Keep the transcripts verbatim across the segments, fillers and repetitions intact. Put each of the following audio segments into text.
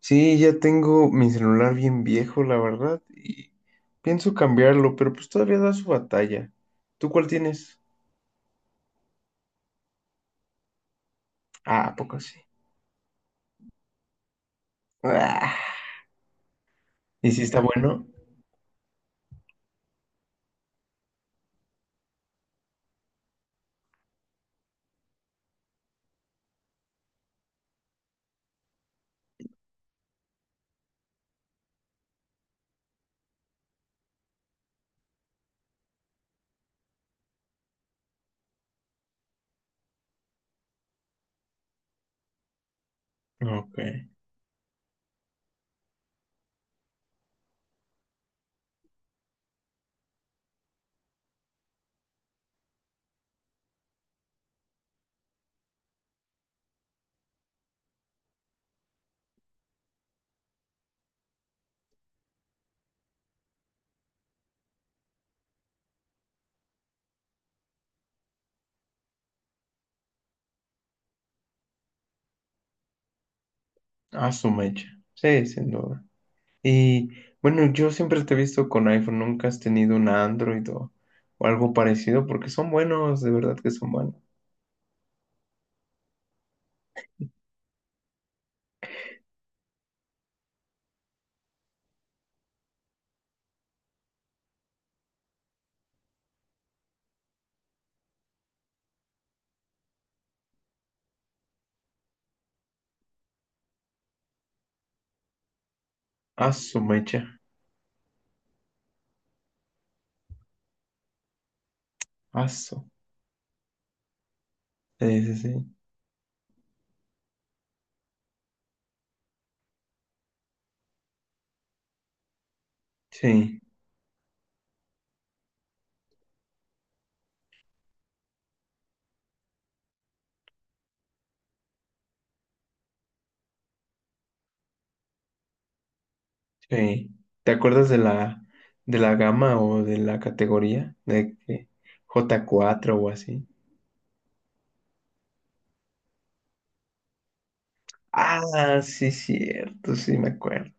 Sí, ya tengo mi celular bien viejo, la verdad, y pienso cambiarlo, pero pues todavía da su batalla. ¿Tú cuál tienes? Ah, ¿a poco sí? Ah, ¿Y si está bueno? Ok. Ah, su mecha. Sí, sin duda. Y bueno, yo siempre te he visto con iPhone, nunca has tenido un Android o, o algo parecido, porque son buenos, de verdad que son buenos. Ah, su mecha. Ah, su. Sí, sí, sí. Sí. Sí. ¿Te acuerdas de la, de la gama o de la categoría? De que j cuatro o así. Ah, sí, cierto, sí, me acuerdo.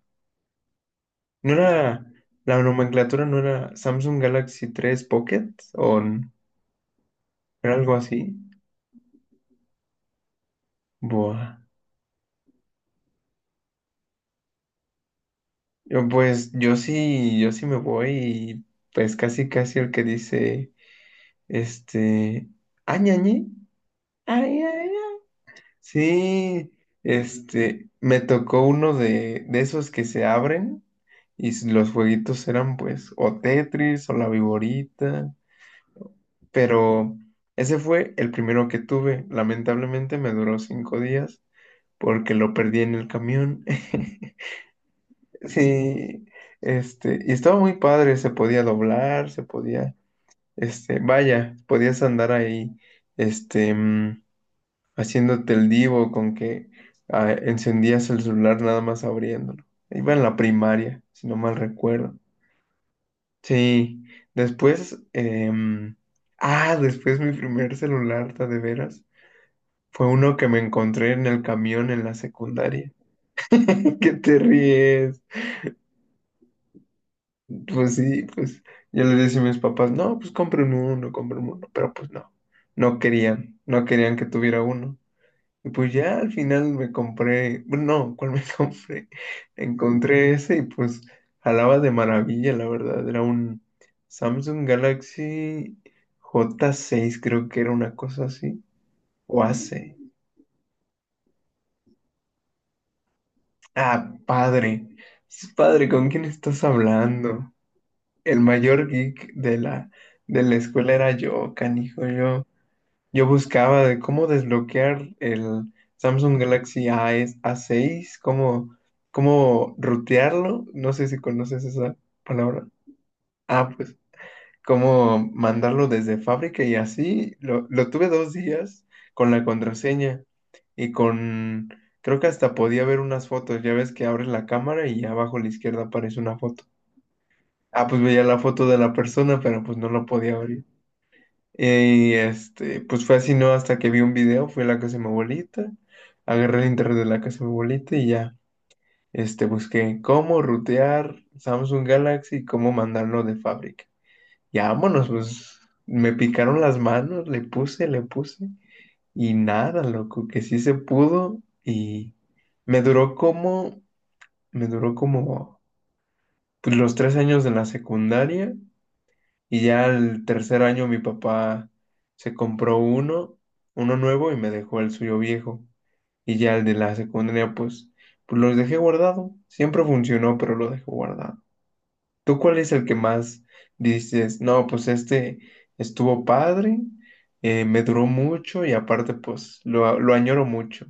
¿No era, la nomenclatura no era Samsung Galaxy tres Pocket o n- era algo así? Buah. Yo, pues yo sí, yo sí me voy y pues casi casi el que dice, este, añañi, ay, ay, ay. Sí, este, me tocó uno de, de esos que se abren y s- los jueguitos eran pues o Tetris o la Viborita, pero ese fue el primero que tuve. Lamentablemente me duró cinco días porque lo perdí en el camión. Sí, este, y estaba muy padre, se podía doblar, se podía, este, vaya, podías andar ahí, este, mm, haciéndote el divo con que ah, encendías el celular nada más abriéndolo. Iba en la primaria, si no mal recuerdo. Sí, después, em, ah, después mi primer celular, ta de veras, fue uno que me encontré en el camión en la secundaria. ¿Qué te ríes? Pues sí, pues yo le decía a mis papás, no, pues compren uno, compren uno, pero pues no, no querían, no querían que tuviera uno. Y pues ya al final me compré, bueno, no, ¿cuál me compré? Encontré ese y pues jalaba de maravilla, la verdad. Era un Samsung Galaxy J seis, creo que era una cosa así. O A C. Ah, padre. Es padre, ¿con quién estás hablando? El mayor geek de la, de la escuela era yo, canijo, yo. Yo buscaba de cómo desbloquear el Samsung Galaxy A A6, cómo, cómo rutearlo. No sé si conoces esa palabra. Ah, pues, cómo mandarlo desde fábrica y así. Lo, lo tuve dos días con la contraseña y con... Creo que hasta podía ver unas fotos. Ya ves que abres la cámara y abajo a la izquierda aparece una foto. Ah, pues veía la foto de la persona, pero pues no la podía abrir. Y este, pues fue así, ¿no? Hasta que vi un video, fui a la casa de mi abuelita, agarré el internet de la casa de mi abuelita y ya, este, busqué cómo rutear Samsung Galaxy cómo mandarlo de fábrica. Ya vámonos, pues me picaron las manos, le puse, le puse y nada, loco, que sí se pudo y me duró como, me duró como pues, los tres años de la secundaria. Y ya el tercer año mi papá se compró uno, uno nuevo y me dejó el suyo viejo. Y ya el de la secundaria, pues, pues los dejé guardado. Siempre funcionó, pero lo dejé guardado. ¿Tú cuál es el que más dices? No, pues este estuvo padre, eh, me duró mucho y aparte, pues, lo, lo añoro mucho.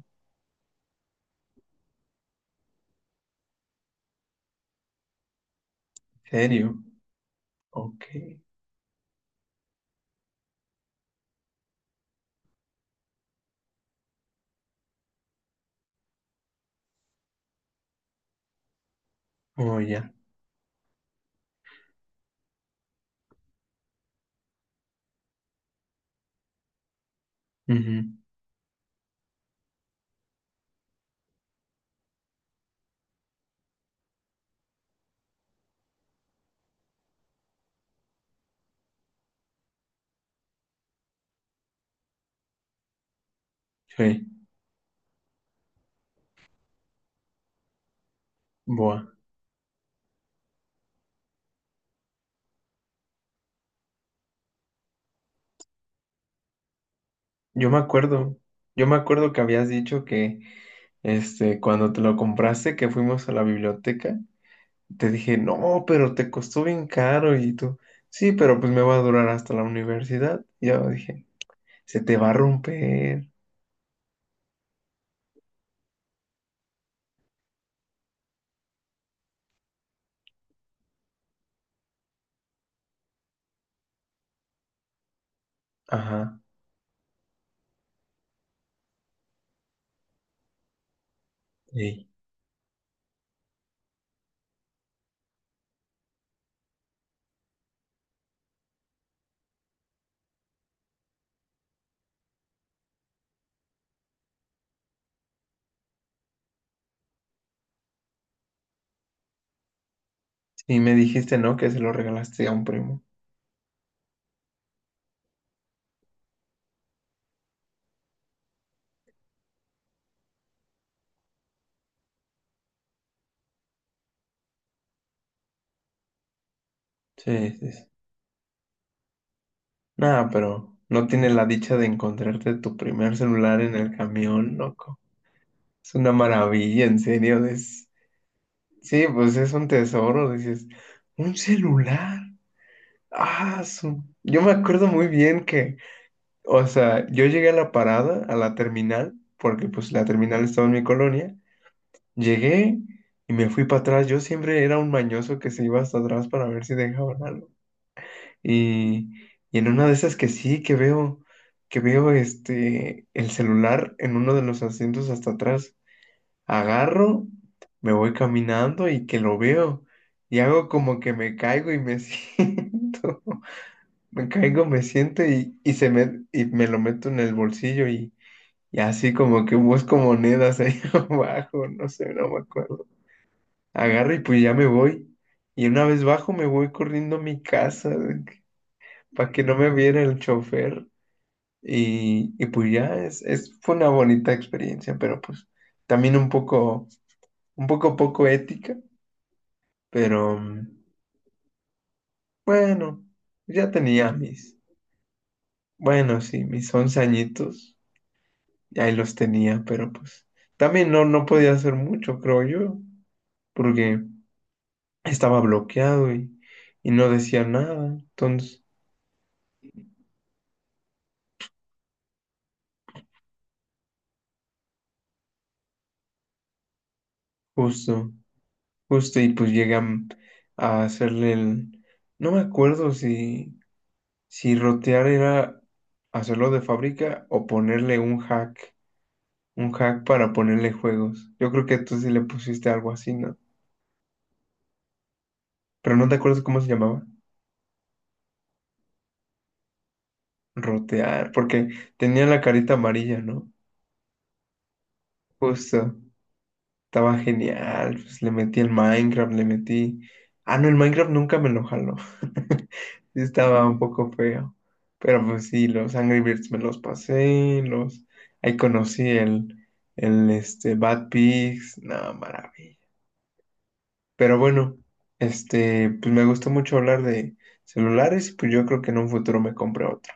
¿En serio? Ok. Oh, ya. Ujú. Sí. Buah. Yo me acuerdo. Yo me acuerdo que habías dicho que, Este, cuando te lo compraste, que fuimos a la biblioteca, te dije, no, pero te costó bien caro. Y tú, sí, pero pues me va a durar hasta la universidad. Y yo dije, se te va a romper. Ajá. Sí. Y me dijiste, no, que se lo regalaste a un primo. Sí, sí, sí. Nada, pero no tiene la dicha de encontrarte tu primer celular en el camión, loco. Es una maravilla, en serio. Es... Sí, pues es un tesoro. Dices, un celular. Ah, su- Yo me acuerdo muy bien que, o sea, yo llegué a la parada, a la terminal, porque pues la terminal estaba en mi colonia. Llegué y me fui para atrás. Yo siempre era un mañoso que se iba hasta atrás para ver si dejaban algo. Y, y en una de esas que sí, que veo, que veo este, el celular en uno de los asientos hasta atrás. Agarro, me voy caminando y que lo veo. Y hago como que me caigo y me siento. Me caigo, me siento y, y, se me, y me lo meto en el bolsillo y, y así como que busco monedas ahí abajo, no sé, no me acuerdo. Agarro y pues ya me voy. Y una vez bajo me voy corriendo a mi casa para que no me viera el chofer. Y, y pues ya es, es, fue una bonita experiencia, pero pues también un poco, un poco poco ética, pero mm, bueno, ya tenía mis, bueno, sí, mis once añitos. Y ahí los tenía, pero pues también no, no podía hacer mucho, creo yo, porque estaba bloqueado y, y no decía nada. Entonces, justo, justo, y pues llegué a, m- a hacerle el... No me acuerdo si, si rotear era hacerlo de fábrica o ponerle un hack, un hack para ponerle juegos. Yo creo que tú sí le pusiste algo así, ¿no? Pero no te acuerdas cómo se llamaba. Rotear, porque tenía la carita amarilla, ¿no? Justo. Estaba genial, pues le metí el Minecraft, le metí... Ah, no, el Minecraft nunca me lo jaló. Sí, estaba un poco feo. Pero pues sí, los Angry Birds me los pasé, los... Ahí conocí el, el este, Bad Pigs, no, maravilla. Pero bueno, este, pues me gustó mucho hablar de celulares, pues yo creo que en un futuro me compré otro.